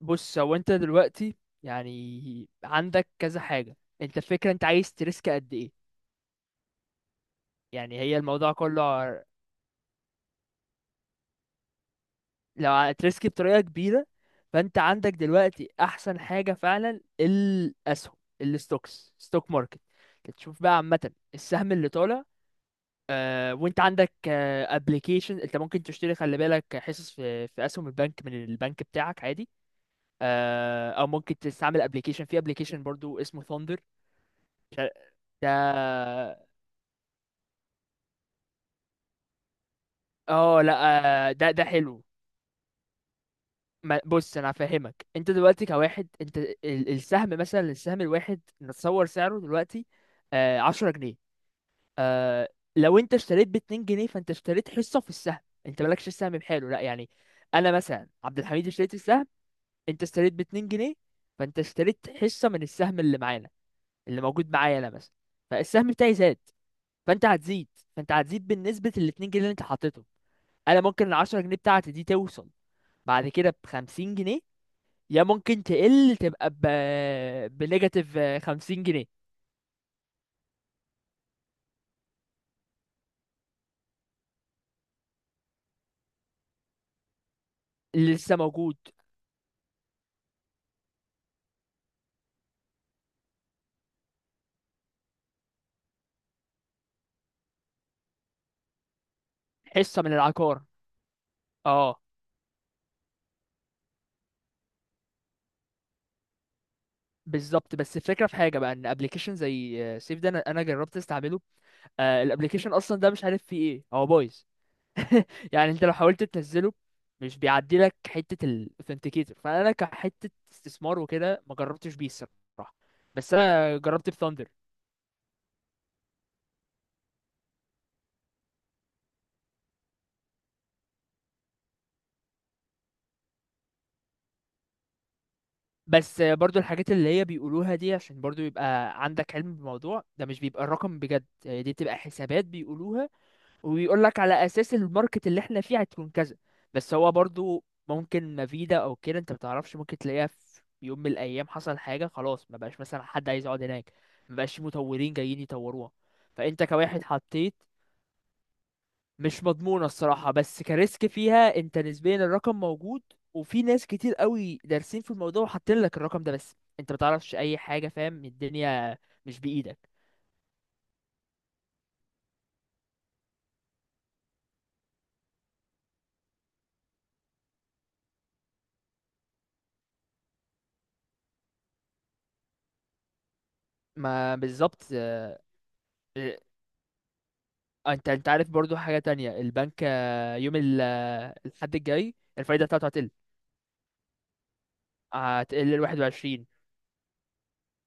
بص، هو انت دلوقتي يعني عندك كذا حاجة. انت الفكرة، انت عايز تريسك قد ايه؟ يعني هي الموضوع كله لو تريسك بطريقة كبيرة، فانت عندك دلوقتي احسن حاجة فعلا، الاسهم، الستوكس، ستوك ماركت. تشوف بقى عامة السهم اللي طالع. وانت عندك ابلكيشن، انت ممكن تشتري، خلي بالك، حصص في اسهم البنك من البنك بتاعك عادي. او ممكن تستعمل ابلكيشن، في ابلكيشن برضو اسمه ثاندر. ده. اه لا، ده حلو. بص، انا هفهمك. انت دلوقتي كواحد، انت السهم مثلا، السهم الواحد نتصور سعره دلوقتي عشرة جنيه. آه، لو انت اشتريت باتنين جنيه، فانت اشتريت حصة في السهم. انت مالكش السهم بحاله، لا يعني. انا مثلا عبد الحميد اشتريت السهم، انت اشتريت باتنين جنيه، فانت اشتريت حصة من السهم اللي معانا، اللي موجود معايا انا مثلا. فالسهم بتاعي زاد، فانت هتزيد فانت هتزيد بالنسبة للاتنين جنيه اللي انت حطيتهم. انا ممكن العشرة جنيه بتاعتي دي توصل بعد كده بخمسين جنيه، يا ممكن تقل تبقى بنيجاتيف خمسين جنيه. اللي لسه موجود. حصة من العقار، اه، بالظبط. بس الفكرة في حاجة بقى، ان ابلكيشن زي سيف ده، انا جربت استعمله. الابلكيشن اصلا ده مش عارف فيه ايه، هو بايظ. يعني انت لو حاولت تنزله، مش بيعدي لك حتة الاوثنتيكيتور، فانا كحتة استثمار وكده ما جربتش بيه الصراحة. بس انا جربت بثاندر. بس برضو الحاجات اللي هي بيقولوها دي، عشان برضو يبقى عندك علم بالموضوع ده، مش بيبقى الرقم بجد، هي دي بتبقى حسابات بيقولوها، وبيقول لك على اساس الماركت اللي احنا فيه هتكون كذا. بس هو برضو ممكن مفيدة او كده انت بتعرفش، ممكن تلاقيها في يوم من الايام حصل حاجة خلاص، ما بقاش مثلا حد عايز يقعد هناك، ما بقاش في مطورين جايين يطوروها. فانت كواحد حطيت، مش مضمونة الصراحة، بس كريسك فيها انت نسبيا الرقم موجود، وفي ناس كتير قوي دارسين في الموضوع وحاطين لك الرقم ده. بس انت متعرفش اي حاجة، فاهم، الدنيا مش بإيدك. ما بالظبط، اه. انت عارف برضو حاجة تانية، البنك يوم الحد الجاي الفايدة بتاعته هتقل، هتقل لواحد 21،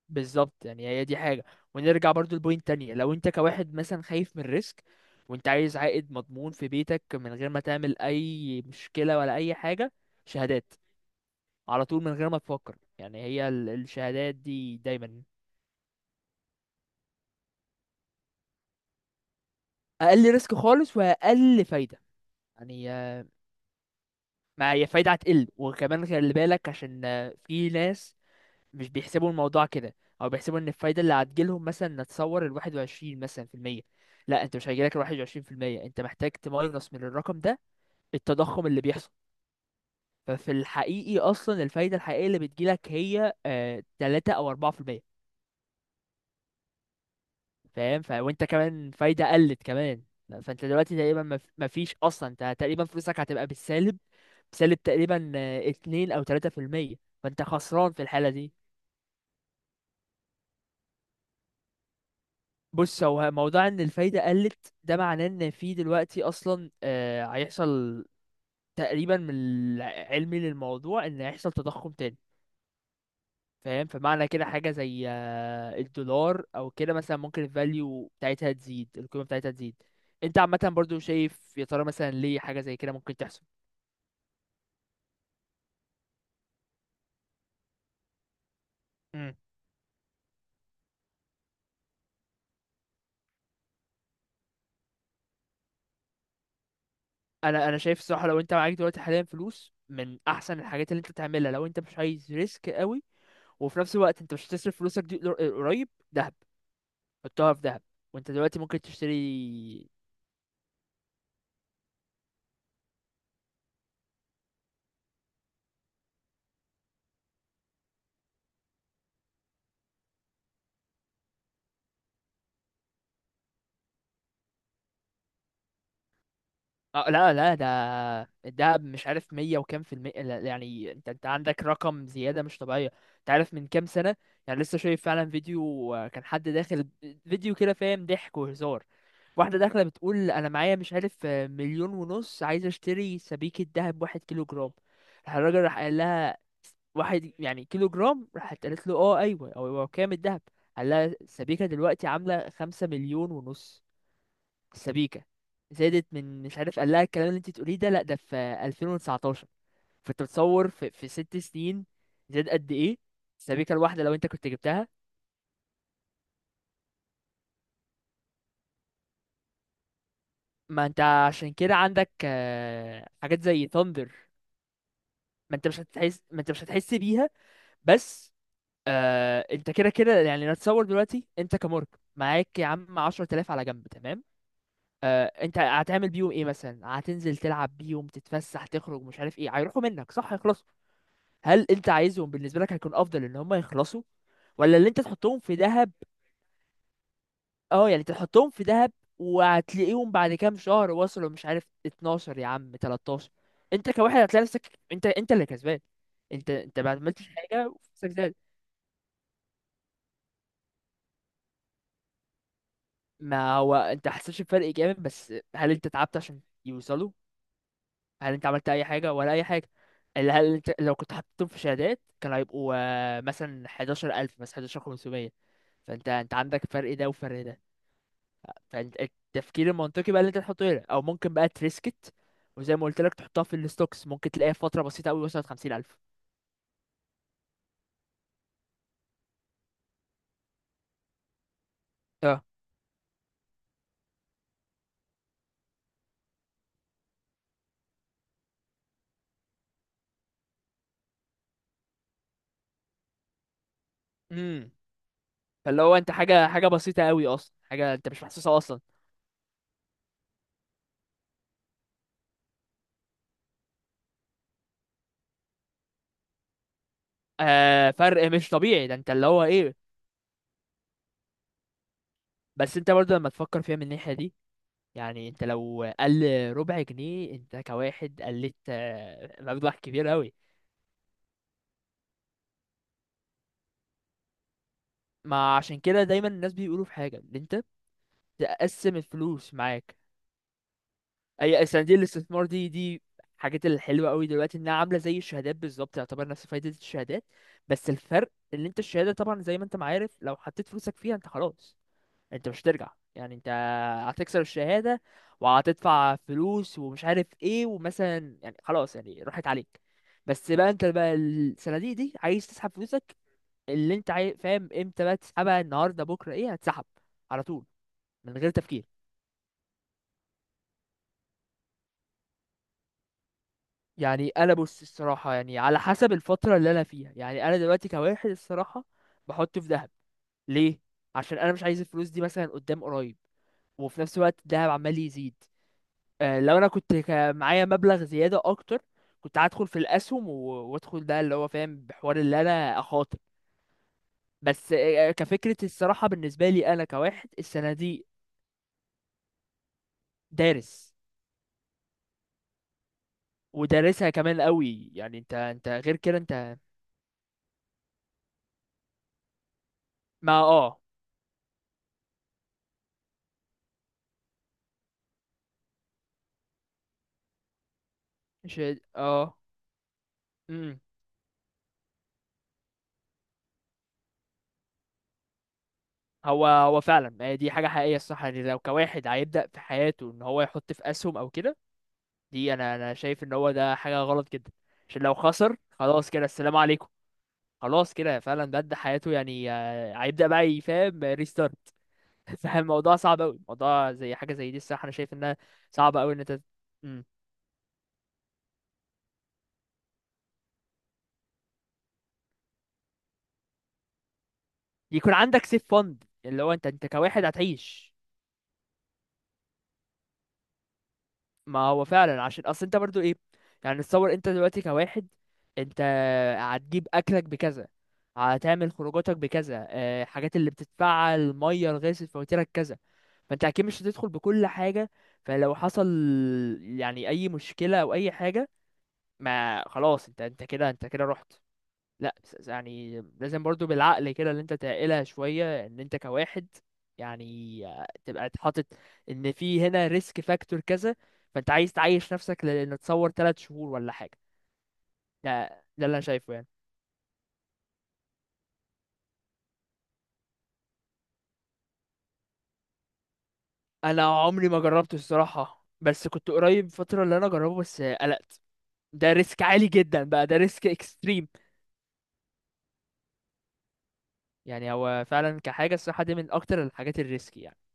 بالظبط. يعني هي دي حاجة، ونرجع برضو لبوينت تانية، لو انت كواحد مثلا خايف من الريسك، وانت عايز عائد مضمون في بيتك من غير ما تعمل اي مشكلة ولا اي حاجة، شهادات. على طول من غير ما تفكر، يعني هي الشهادات دي دايما. اقل ريسك خالص واقل فايدة. يعني ما هي فايدة هتقل، وكمان خلي بالك عشان في ناس مش بيحسبوا الموضوع كده، او بيحسبوا ان الفايدة اللي هتجيلهم مثلا، نتصور الواحد وعشرين مثلا في المية. لا، انت مش هيجيلك الواحد وعشرين في المية، انت محتاج تماينس من الرقم ده التضخم اللي بيحصل. ففي الحقيقي اصلا الفايدة الحقيقية اللي بتجيلك هي تلاتة او اربعة في المية. فاهم. وانت كمان فايدة قلت كمان. فانت دلوقتي تقريبا مفيش اصلا، انت تقريبا فلوسك هتبقى بالسالب، بسالب تقريبا اتنين او تلاتة في المية. فانت خسران في الحالة دي. بص، هو موضوع ان الفايدة قلت ده معناه ان في دلوقتي اصلا هيحصل تقريبا، من علمي للموضوع، ان هيحصل تضخم تاني. فاهم، فمعنى كده حاجة زي الدولار او كده مثلا، ممكن الفاليو بتاعتها تزيد، القيمة بتاعتها تزيد. انت عامة برضو شايف يا ترى مثلا ليه حاجة زي كده ممكن تحصل؟ مم. انا شايف الصراحة، لو انت معاك دلوقتي حاليا فلوس، من احسن الحاجات اللي انت تعملها لو انت مش عايز ريسك قوي، وفي نفس الوقت انت مش هتصرف فلوسك دي قريب، دهب. حطها في دهب، وانت دلوقتي ممكن تشتري. اه لا، لا ده، الدهب مش عارف مية وكام في المية، لا، يعني انت عندك رقم زيادة مش طبيعية. انت عارف من كام سنة، يعني لسه شايف فعلا فيديو كان حد داخل فيديو كده، فاهم، ضحك وهزار. واحدة داخلة بتقول انا معايا مش عارف مليون ونص، عايزة اشتري سبيكة دهب واحد كيلو جرام. راح الراجل راح قال لها واحد يعني كيلو جرام، راحت قالت له اه ايوه، هو هو كام الدهب؟ قال لها السبيكة دلوقتي عاملة خمسة مليون ونص. السبيكة زادت من مش عارف، قال لها الكلام اللي انت تقوليه ده، لا ده في 2019. فانت بتصور في 6 سنين زاد قد ايه السبيكة الواحدة لو انت كنت جبتها. ما انت عشان كده عندك حاجات زي ثاندر. ما انت مش هتحس بيها. بس، انت كده كده يعني، نتصور دلوقتي انت كمارك، معاك يا عم 10000 على جنب، تمام. انت هتعمل بيهم ايه مثلا، هتنزل تلعب بيهم، تتفسح، تخرج، مش عارف ايه، هيروحوا منك صح، يخلص. هل انت عايزهم؟ بالنسبه لك هيكون افضل ان هم يخلصوا، ولا اللي انت تحطهم في دهب؟ اه يعني تحطهم في دهب، وهتلاقيهم بعد كام شهر وصلوا مش عارف 12، يا عم 13. انت كواحد هتلاقي نفسك، انت اللي كسبان، انت ما عملتش حاجه وفلوسك زادت. ما هو انت حسيتش بفرق جامد، بس هل انت تعبت عشان يوصلوا؟ هل انت عملت اي حاجه ولا اي حاجه؟ اللي هل انت لو كنت حطيتهم في شهادات، كان هيبقوا مثلا 11000، مثلا 11500. فانت عندك فرق ده وفرق ده. فالتفكير المنطقي بقى اللي انت تحطه هنا، او ممكن بقى تريسكت، وزي ما قلت لك تحطها في الستوكس، ممكن تلاقيها في فتره بسيطه قوي وصلت 50000. اه. امم فاللي هو انت حاجه، حاجه بسيطه قوي اصلا، حاجه انت مش محسوسها اصلا. فرق مش طبيعي ده، انت اللي هو ايه. بس انت برضه لما تفكر فيها من الناحيه دي، يعني انت لو قل ربع جنيه، انت كواحد قلت مبلغ كبير قوي. ما عشان كده دايما الناس بيقولوا في حاجه، ان انت تقسم الفلوس معاك. اي، صناديق الاستثمار دي حاجات الحلوه قوي دلوقتي، انها عامله زي الشهادات بالظبط، تعتبر نفس فايده الشهادات. بس الفرق ان انت الشهاده طبعا زي ما انت ما عارف، لو حطيت فلوسك فيها انت خلاص، انت مش هترجع، يعني انت هتكسر الشهاده وهتدفع فلوس ومش عارف ايه، ومثلا يعني خلاص، يعني راحت عليك. بس بقى، انت بقى الصناديق دي عايز تسحب فلوسك اللي انت فاهم؟ امتى بقى تسحبها؟ النهارده بكره ايه هتسحب؟ على طول من غير تفكير. يعني انا، بص الصراحه، يعني على حسب الفتره اللي انا فيها، يعني انا دلوقتي كواحد الصراحه بحطه في ذهب. ليه؟ عشان انا مش عايز الفلوس دي مثلا قدام قريب، وفي نفس الوقت الذهب عمال يزيد. لو انا كنت معايا مبلغ زياده اكتر، كنت هدخل في الاسهم وادخل ده اللي هو، فاهم، بحوار اللي انا اخاطر. بس، كفكره الصراحه بالنسبه لي انا كواحد السنه دي. دارس ودارسها كمان قوي، يعني انت غير كده انت. ما اه مش اه امم هو هو فعلا هي دي حاجة حقيقية الصح، يعني لو كواحد هيبدأ في حياته ان هو يحط في اسهم او كده، دي، انا شايف ان هو ده حاجة غلط جدا. عشان لو خسر، خلاص كده السلام عليكم، خلاص كده فعلا بدأ حياته. يعني هيبدأ بقى يفهم ريستارت. فالموضوع صعب قوي، موضوع زي حاجة زي دي الصح، انا شايف انها صعبة قوي ان انت. مم. يكون عندك سيف فند، اللي هو انت كواحد هتعيش. ما هو فعلا، عشان اصل انت برضو ايه، يعني تصور انت دلوقتي كواحد، انت هتجيب اكلك بكذا، هتعمل خروجاتك بكذا، حاجات اللي بتدفعها، الميه، الغاز، الفواتيرك كذا. فانت اكيد مش هتدخل بكل حاجه، فلو حصل يعني اي مشكله او اي حاجه، ما خلاص انت كده رحت. لا، يعني لازم برضو بالعقل كده، اللي انت تعقلها شوية، ان انت كواحد يعني تبقى اتحاطط، ان في هنا ريسك فاكتور كذا. فانت عايز تعيش نفسك، لان تصور 3 شهور ولا حاجة. ده ده اللي انا شايفه يعني. انا عمري ما جربته الصراحة، بس كنت قريب فترة اللي انا اجربه، بس قلقت. ده ريسك عالي جدا بقى، ده ريسك اكستريم. يعني هو فعلا كحاجة الصراحة دي من اكتر الحاجات الريسكي يعني.